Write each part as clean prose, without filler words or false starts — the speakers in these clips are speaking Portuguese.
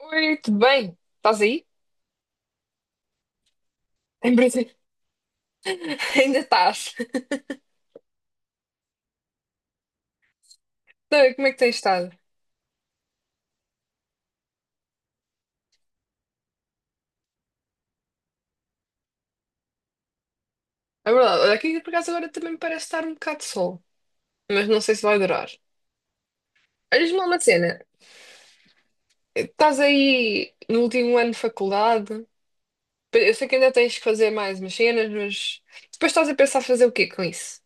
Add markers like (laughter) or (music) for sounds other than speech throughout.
Oi, tudo bem? Estás aí? Em princípio. (laughs) Ainda estás. Então, como é que tens estado? É verdade, olha, aqui por acaso agora também me parece estar um bocado de sol, mas não sei se vai durar. Olha-me uma cena, estás aí no último ano de faculdade, eu sei que ainda tens que fazer mais umas cenas, mas depois estás a pensar fazer o quê com isso?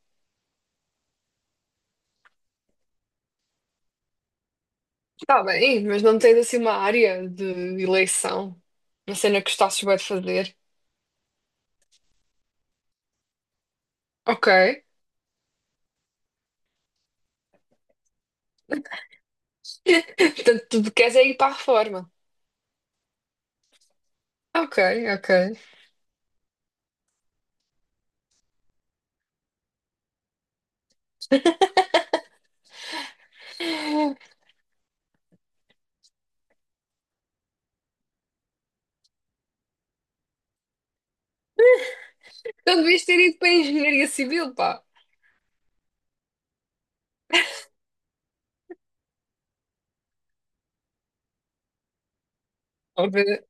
Está bem, mas não tens assim uma área de eleição, uma cena que gostasses bem de fazer. Ok. (laughs) Portanto, tu queres é ir para a reforma. Ok, ok. Então devias ter ido para a engenharia civil, pá. Ou de-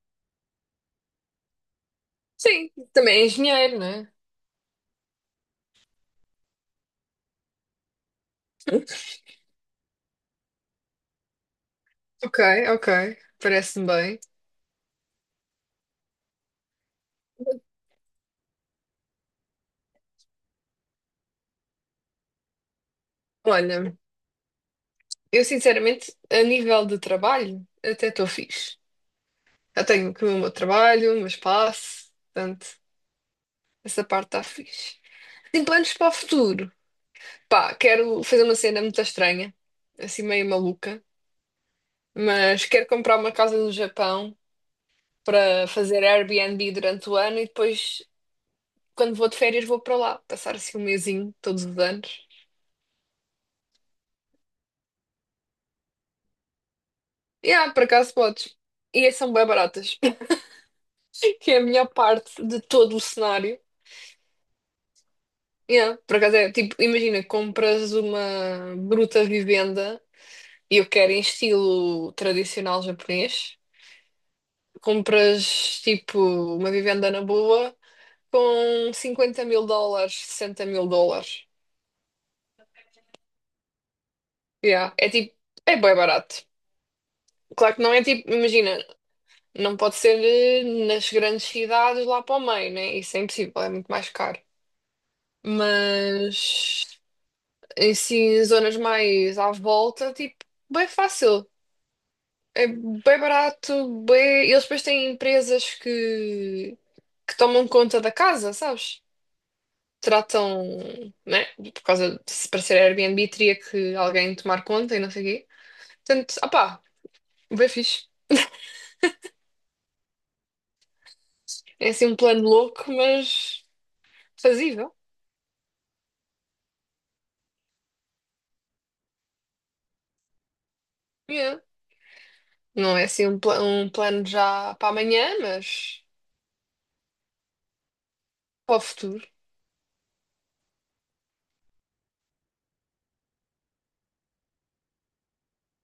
Sim, também é engenheiro, não é? Ok, ok. Parece-me bem. Olha, eu sinceramente, a nível de trabalho, até estou fixe. Já tenho que o meu trabalho, o meu espaço, portanto, essa parte está fixe. Tenho planos para o futuro. Pá, quero fazer uma cena muito estranha, assim meio maluca, mas quero comprar uma casa no Japão para fazer Airbnb durante o ano e depois quando vou de férias, vou para lá, passar assim um mesinho todos os anos. Por acaso podes. E é, são bem baratas, (laughs) que é a melhor parte de todo o cenário. Yeah, por acaso é tipo, imagina, compras uma bruta vivenda e eu quero em estilo tradicional japonês. Compras tipo uma vivenda na boa com US$ 50 000, US$ 60 000. Yeah, é tipo, é bem barato. Claro que não é tipo, imagina, não pode ser nas grandes cidades lá para o meio, né? Isso é impossível, é muito mais caro. Mas em si, zonas mais à volta, tipo, bem fácil. É bem barato, bem. Eles depois têm empresas que tomam conta da casa, sabes? Tratam, né? Por causa de se para ser Airbnb teria que alguém tomar conta e não sei o quê. Portanto, opá, bem fixe. É assim um plano louco, mas fazível. Yeah. Não é assim um, um plano já para amanhã, mas para o futuro,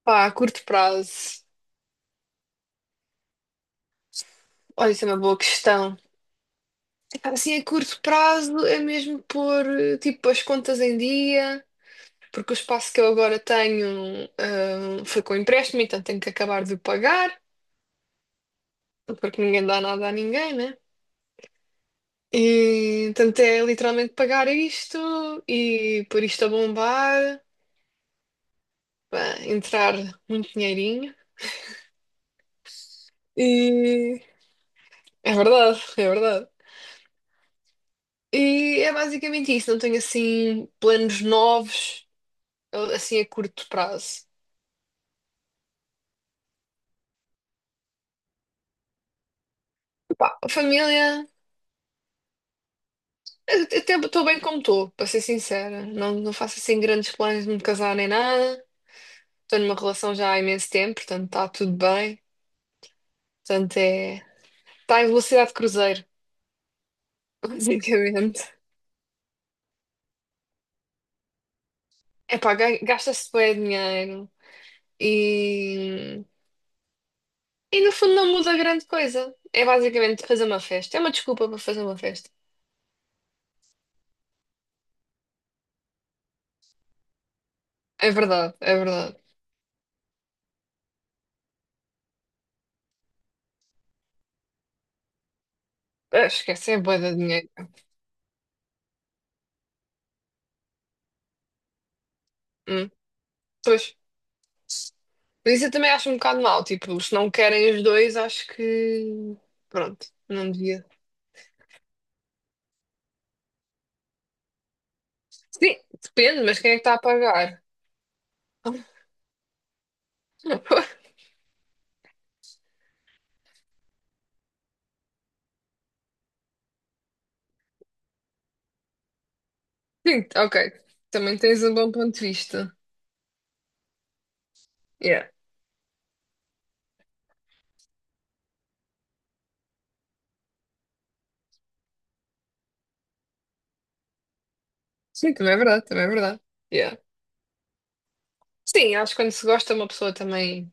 pá, a curto prazo. Olha, isso é uma boa questão. Epá, assim, a curto prazo é mesmo pôr tipo as contas em dia, porque o espaço que eu agora tenho foi com empréstimo, então tenho que acabar de o pagar, porque ninguém dá nada a ninguém, né? E, portanto, é literalmente pagar isto e pôr isto a bombar, pá, entrar muito dinheirinho. E é verdade, é verdade. E é basicamente isso, não tenho assim planos novos, assim a curto prazo. Pá, a família, eu até estou bem como estou, para ser sincera. Não, não faço assim grandes planos de me casar nem nada. Estou numa relação já há imenso tempo, portanto está tudo bem. Portanto é. Está em velocidade de cruzeiro, (laughs) basicamente. É pá, gasta-se bem dinheiro e. E no fundo não muda grande coisa. É basicamente fazer uma festa. É uma desculpa para fazer uma festa. É verdade, é verdade. Ah, esquece, é bué de dinheiro. Hum, Pois. Mas isso eu também acho um bocado mal. Tipo, se não querem os dois, acho que. Pronto, não devia. Sim, depende, mas quem é que está a pagar? (laughs) Sim, ok. Também tens um bom ponto de vista. Yeah. Sim, também é verdade, também é verdade. Yeah. Sim, acho que quando se gosta, uma pessoa também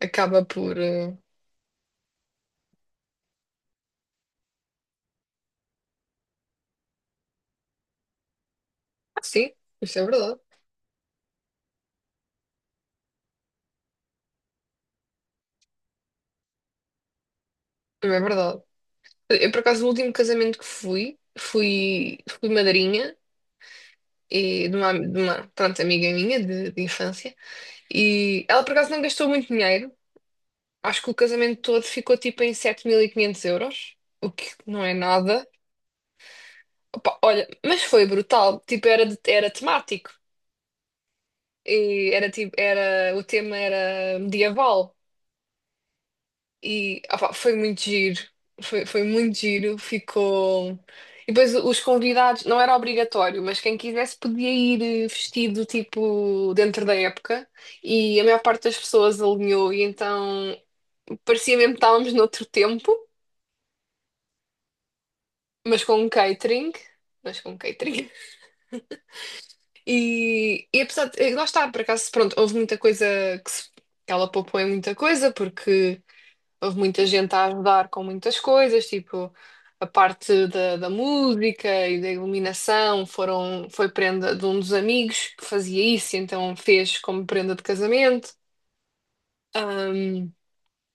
acaba por. Ah, sim, isso é verdade. Também é verdade. Eu, por acaso, no último casamento que fui, fui madrinha. E de uma, pronto, amiga minha de infância. E ela, por acaso, não gastou muito dinheiro. Acho que o casamento todo ficou tipo em 7.500 euros, o que não é nada. Opa, olha, mas foi brutal. Tipo, era temático. E era tipo, era, o tema era medieval. E opá, foi muito giro, foi, foi muito giro, ficou. E depois os convidados, não era obrigatório, mas quem quisesse podia ir vestido tipo dentro da época e a maior parte das pessoas alinhou e então parecia mesmo que estávamos noutro tempo, mas com um catering, mas com um catering. (laughs) E, e apesar de, lá está, por acaso, pronto, houve muita coisa que se- que ela poupou em muita coisa, porque houve muita gente a ajudar com muitas coisas, tipo a parte da música e da iluminação foram, foi prenda de um dos amigos que fazia isso, então fez como prenda de casamento.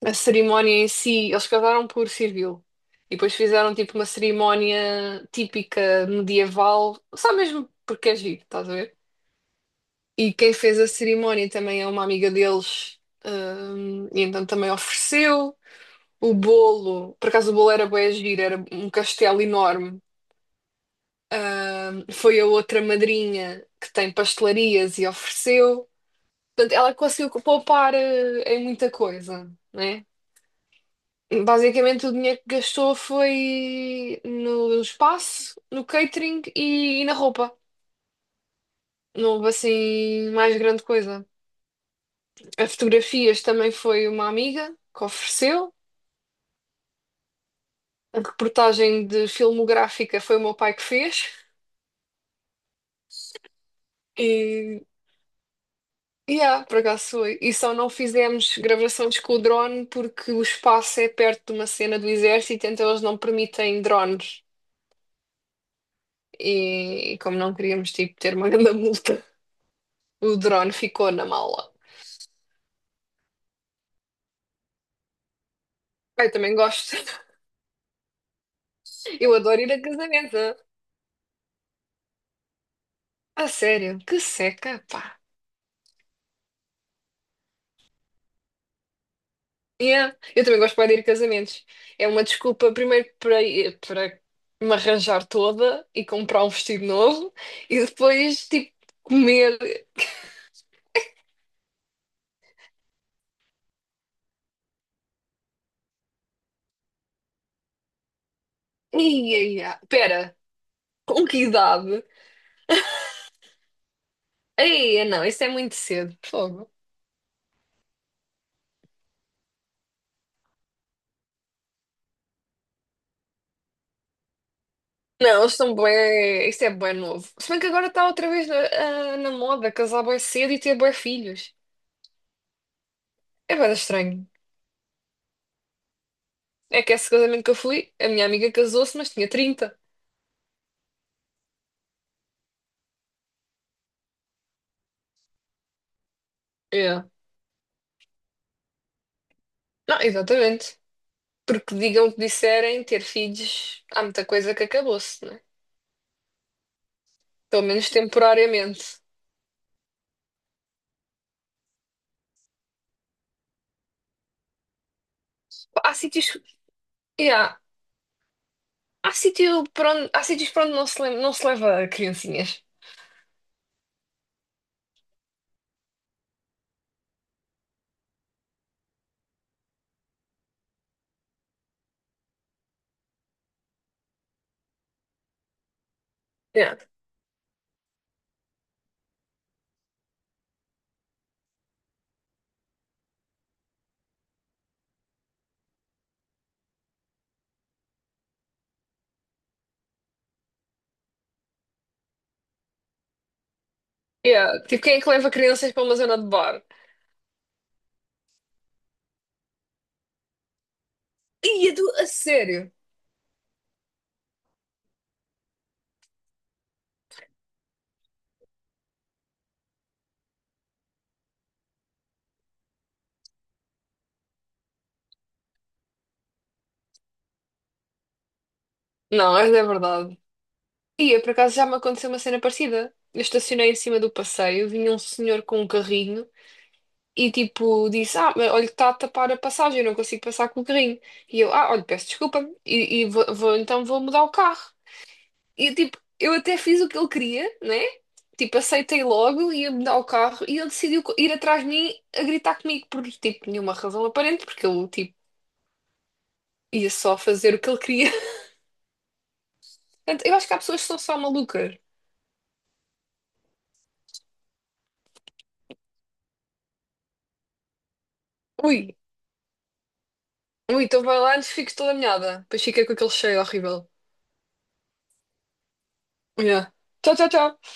A cerimónia em si, eles casaram por civil. E depois fizeram tipo uma cerimónia típica medieval, só mesmo porque é giro, estás a ver? E quem fez a cerimónia também é uma amiga deles, e então também ofereceu. O bolo, por acaso o bolo era bué giro, era um castelo enorme. Foi a outra madrinha que tem pastelarias e ofereceu. Portanto, ela conseguiu poupar em muita coisa, né? Basicamente, o dinheiro que gastou foi no espaço, no catering e na roupa. Não houve assim mais grande coisa. A fotografias também foi uma amiga que ofereceu. A reportagem de filmográfica foi o meu pai que fez. E yeah, por acaso foi. E só não fizemos gravações com o drone porque o espaço é perto de uma cena do exército, então eles não permitem drones. E como não queríamos, tipo, ter uma (laughs) grande multa, o drone ficou na mala. Eu também gosto. (laughs) Eu adoro ir a casamentos. Ah. A sério, que seca, pá. Yeah. Eu também gosto bué de ir a casamentos. É uma desculpa, primeiro, para me arranjar toda e comprar um vestido novo e depois, tipo, comer. Ia, ia. Pera, com que idade? Ei, não, isso é muito cedo. Fogo. Não, eles são bué. Isso é bué novo. Se bem que agora está outra vez na, na moda casar bué cedo e ter bué filhos. É bué estranho. É que esse casamento que eu fui, a minha amiga casou-se, mas tinha 30. Yeah. Não, exatamente. Porque digam o que disserem, ter filhos, há muita coisa que acabou-se, né? Pelo menos temporariamente. Há sítios. Yeah. Há sítio para onde, há sítios para onde não se, não se leva criancinhas. Yeah. Yeah. Tipo, quem é que leva crianças para uma zona de bar? Ia, do. A sério? Não, essa é verdade. Ia, por acaso já me aconteceu uma cena parecida. Eu estacionei em cima do passeio, vinha um senhor com um carrinho e tipo disse: Ah, mas olha, está a tapar a passagem, eu não consigo passar com o carrinho. E eu, ah, olha, peço desculpa, e vou, então vou mudar o carro. E tipo, eu até fiz o que ele queria, né? Tipo, aceitei logo, ia mudar o carro e ele decidiu ir atrás de mim a gritar comigo por tipo, nenhuma razão aparente, porque eu tipo. Ia só fazer o que ele queria. (laughs) Portanto, eu acho que há pessoas que são só malucas. Ui, ui, então vai lá antes fico toda molhada. Depois fica com aquele cheiro horrível. Yeah. Tchau, tchau, tchau.